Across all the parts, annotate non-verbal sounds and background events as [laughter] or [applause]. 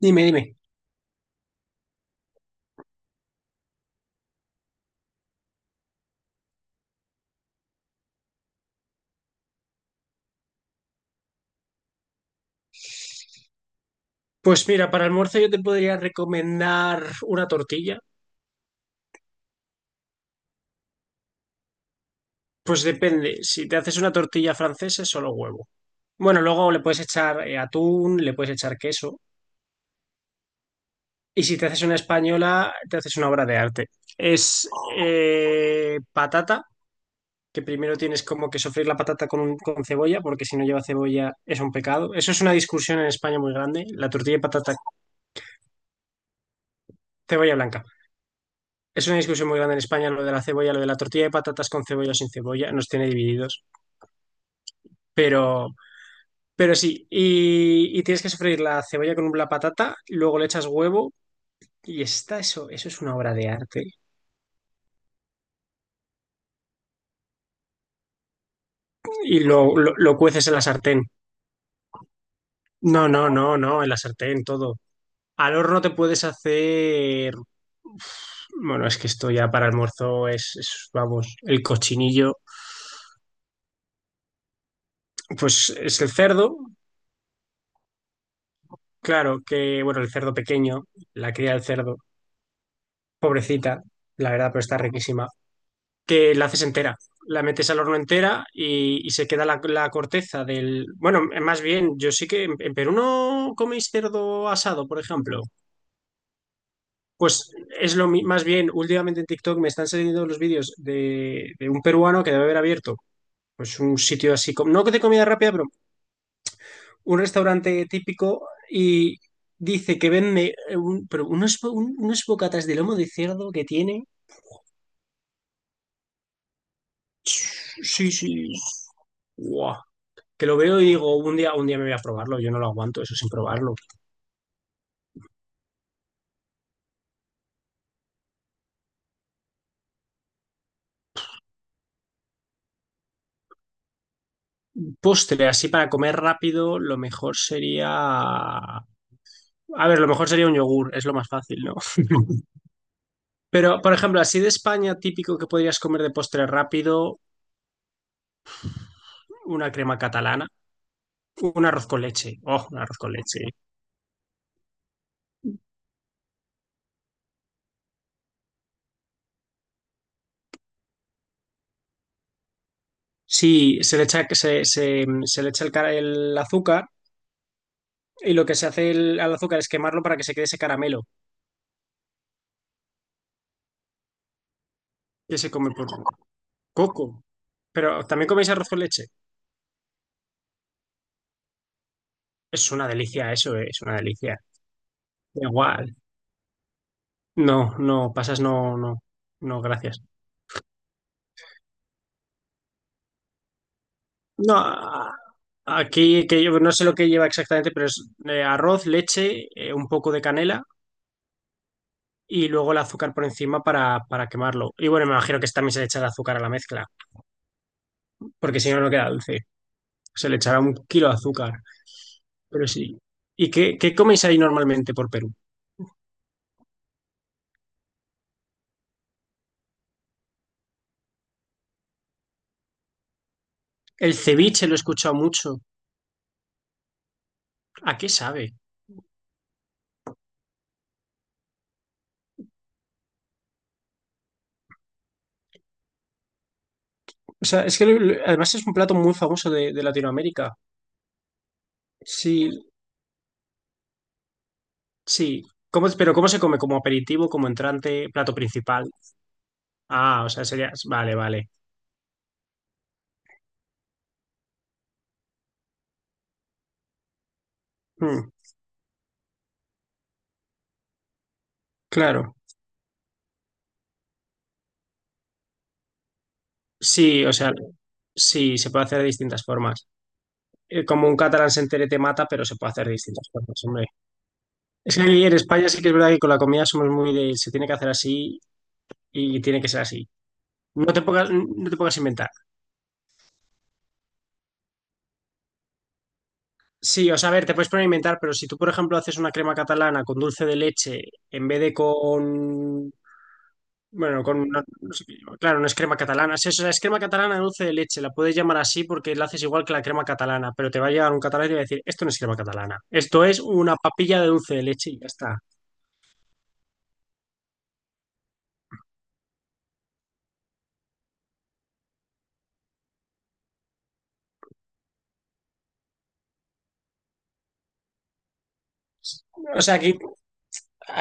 Dime, dime. Pues mira, para almuerzo yo te podría recomendar una tortilla. Pues depende, si te haces una tortilla francesa es solo huevo. Bueno, luego le puedes echar atún, le puedes echar queso. Y si te haces una española, te haces una obra de arte. Es patata, que primero tienes como que sofreír la patata con cebolla, porque si no lleva cebolla es un pecado. Eso es una discusión en España muy grande, la tortilla de patata. Cebolla blanca. Es una discusión muy grande en España lo de la cebolla, lo de la tortilla de patatas con cebolla o sin cebolla, nos tiene divididos. Pero, pero sí, y tienes que sofreír la cebolla con la patata, luego le echas huevo y está eso es una obra de arte. Y lo cueces en la sartén. No, no, no, no, en la sartén, todo. Al horno te puedes hacer, bueno, es que esto ya para almuerzo vamos, el cochinillo, pues es el cerdo, claro, que, bueno, el cerdo pequeño, la cría del cerdo, pobrecita, la verdad, pero está riquísima. Que la haces entera. La metes al horno entera y se queda la corteza del. Bueno, más bien, yo sí que en Perú no coméis cerdo asado, por ejemplo. Pues es más bien, últimamente en TikTok me están saliendo los vídeos de un peruano que debe haber abierto pues un sitio así, como, no de comida rápida, pero un restaurante típico y dice que vende pero unos bocatas de lomo de cerdo que tiene. Sí, sí. Guau. Que lo veo y digo, un día me voy a probarlo, yo no lo aguanto eso sin probarlo. Postre, así para comer rápido, lo mejor sería. A ver, lo mejor sería un yogur, es lo más fácil, ¿no? [laughs] Pero, por ejemplo, así de España, típico que podrías comer de postre rápido, una crema catalana, un arroz con leche. Oh, un arroz con leche. Sí, se le echa el azúcar, y lo que se hace al azúcar es quemarlo para que se quede ese caramelo que se come por coco. Pero, ¿también coméis arroz con leche? Es una delicia, eso es una delicia. Da igual. No, no, pasas, no, no, no, gracias. No, aquí que yo no sé lo que lleva exactamente, pero es arroz, leche, un poco de canela y luego el azúcar por encima para quemarlo. Y bueno, me imagino que también se le echa azúcar a la mezcla, porque si no, no queda dulce. Se le echará un kilo de azúcar, pero sí. ¿Y qué coméis ahí normalmente por Perú? El ceviche lo he escuchado mucho. ¿A qué sabe? O sea, es que además es un plato muy famoso de Latinoamérica. Sí, sí. ¿Cómo se come? ¿Como aperitivo, como entrante, plato principal? Ah, o sea, sería. Vale, vale. Mm, claro. Sí, o sea, sí, se puede hacer de distintas formas. Como un catalán se entere te mata, pero se puede hacer de distintas formas, hombre. Es que aquí en España sí que es verdad que con la comida somos muy de: se tiene que hacer así y tiene que ser así. No te pongas, no te pongas a inventar. Sí, o sea, a ver, te puedes poner a inventar, pero si tú, por ejemplo, haces una crema catalana con dulce de leche en vez de con. Bueno, con una, no sé qué lleva. Claro, una crema catalana. Sí, eso, es crema catalana de dulce de leche. La puedes llamar así porque la haces igual que la crema catalana, pero te va a llegar un catalán y te va a decir, esto no es crema catalana. Esto es una papilla de dulce de leche y ya está. O sea, aquí,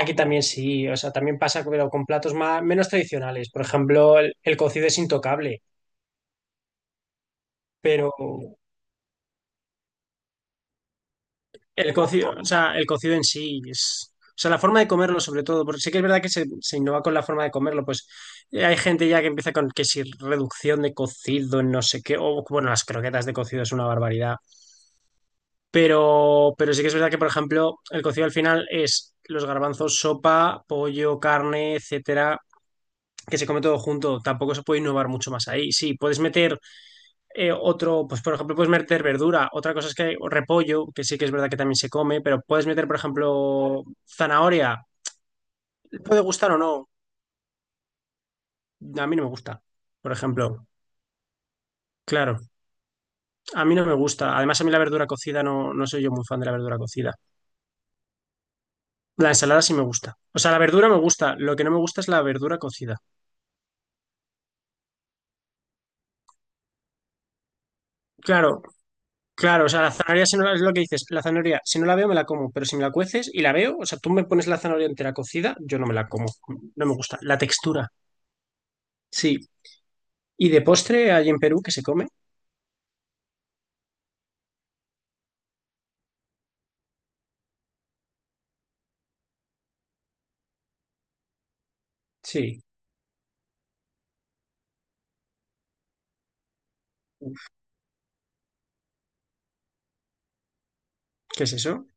aquí también sí. O sea, también pasa pero con platos más, menos tradicionales. Por ejemplo, el cocido es intocable, pero. El cocido, o sea, el cocido en sí es. O sea, la forma de comerlo, sobre todo, porque sí que es verdad que se innova con la forma de comerlo, pues hay gente ya que empieza con que si reducción de cocido, en no sé qué, o bueno, las croquetas de cocido es una barbaridad. Pero sí que es verdad que, por ejemplo, el cocido al final es los garbanzos, sopa, pollo, carne, etcétera, que se come todo junto. Tampoco se puede innovar mucho más ahí. Sí, puedes meter pues por ejemplo, puedes meter verdura. Otra cosa es que hay repollo, que sí que es verdad que también se come, pero puedes meter, por ejemplo, zanahoria. Puede gustar o no. A mí no me gusta, por ejemplo. Claro, a mí no me gusta. Además, a mí la verdura cocida no, no soy yo muy fan de la verdura cocida. La ensalada sí me gusta. O sea, la verdura me gusta. Lo que no me gusta es la verdura cocida. Claro, claro. O sea, la zanahoria, si no es lo que dices, la zanahoria, si no la veo, me la como. Pero si me la cueces y la veo, o sea, tú me pones la zanahoria entera cocida, yo no me la como. No me gusta. La textura. Sí. ¿Y de postre hay en Perú que se come? Sí. ¿Qué es eso?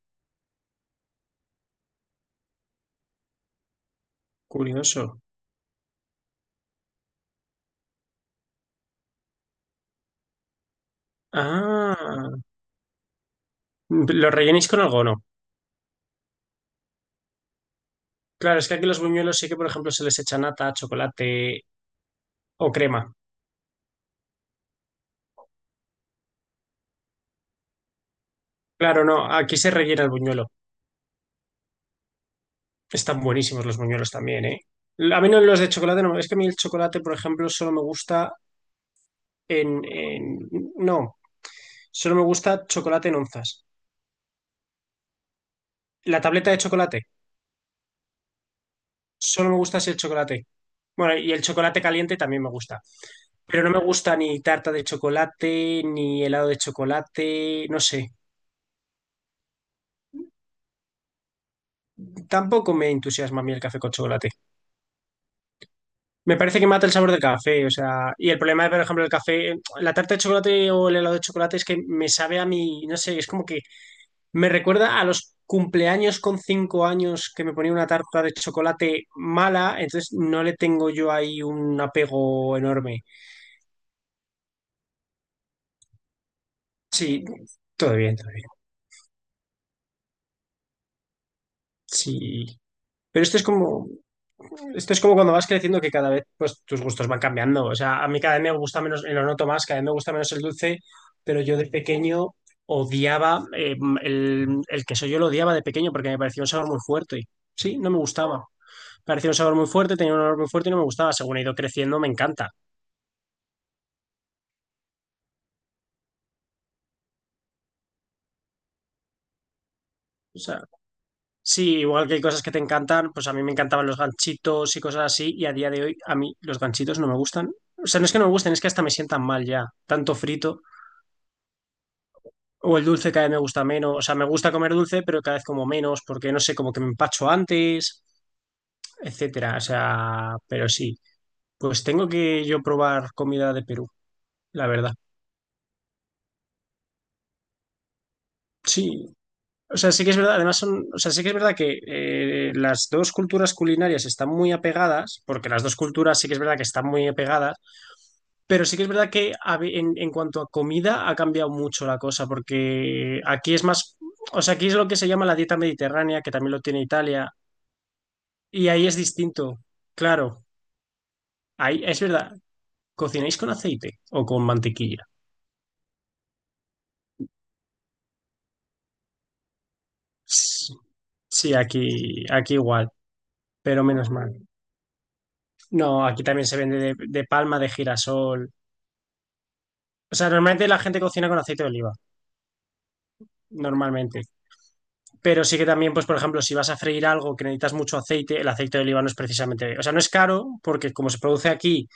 Curioso. Ah, ¿lo rellenéis con algo o no? Claro, es que aquí los buñuelos sí que, por ejemplo, se les echa nata, chocolate o crema. Claro, no, aquí se rellena el buñuelo. Están buenísimos los buñuelos también, ¿eh? A mí no los de chocolate, no. Es que a mí el chocolate, por ejemplo, solo me gusta en, en- no, solo me gusta chocolate en onzas. La tableta de chocolate. Solo me gusta así el chocolate. Bueno, y el chocolate caliente también me gusta. Pero no me gusta ni tarta de chocolate, ni helado de chocolate, no sé. Tampoco me entusiasma a mí el café con chocolate. Me parece que mata el sabor del café, o sea, y el problema, por ejemplo, el café, la tarta de chocolate o el helado de chocolate es que me sabe a mí, no sé, es como que me recuerda a los cumpleaños con 5 años que me ponía una tarta de chocolate mala, entonces no le tengo yo ahí un apego enorme. Sí, todo bien, todo bien. Sí, pero esto es como cuando vas creciendo que cada vez pues, tus gustos van cambiando. O sea, a mí cada vez me gusta menos, y lo noto más, cada vez me gusta menos el dulce, pero yo de pequeño odiaba, el queso yo lo odiaba de pequeño porque me parecía un sabor muy fuerte. Sí, no me gustaba. Parecía un sabor muy fuerte, tenía un olor muy fuerte y no me gustaba. Según he ido creciendo, me encanta. O sea, sí, igual que hay cosas que te encantan, pues a mí me encantaban los ganchitos y cosas así, y a día de hoy a mí los ganchitos no me gustan. O sea, no es que no me gusten, es que hasta me sientan mal ya. Tanto frito. O el dulce cada vez me gusta menos. O sea, me gusta comer dulce, pero cada vez como menos, porque no sé, como que me empacho antes, etcétera. O sea, pero sí. Pues tengo que yo probar comida de Perú, la verdad. Sí. O sea, sí que es verdad, además son, o sea, sí que es verdad que las dos culturas culinarias están muy apegadas, porque las dos culturas sí que es verdad que están muy apegadas, pero sí que es verdad que en cuanto a comida ha cambiado mucho la cosa, porque aquí es más, o sea, aquí es lo que se llama la dieta mediterránea, que también lo tiene Italia. Y ahí es distinto. Claro, ahí es verdad. ¿Cocináis con aceite o con mantequilla? S- Sí, aquí igual, pero menos mal. No, aquí también se vende de palma, de girasol. O sea, normalmente la gente cocina con aceite de oliva, normalmente. Pero sí que también, pues, por ejemplo, si vas a freír algo que necesitas mucho aceite, el aceite de oliva no es precisamente, o sea, no es caro, porque como se produce aquí,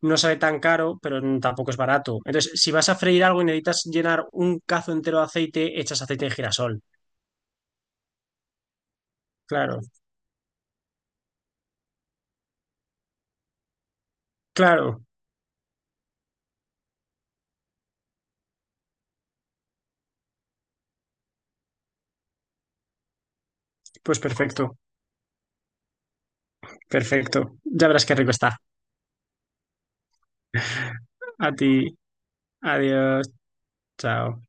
no sale tan caro, pero tampoco es barato. Entonces, si vas a freír algo y necesitas llenar un cazo entero de aceite, echas aceite de girasol. Claro, claro. Pues perfecto, perfecto. Ya verás qué rico está. A ti, adiós, chao.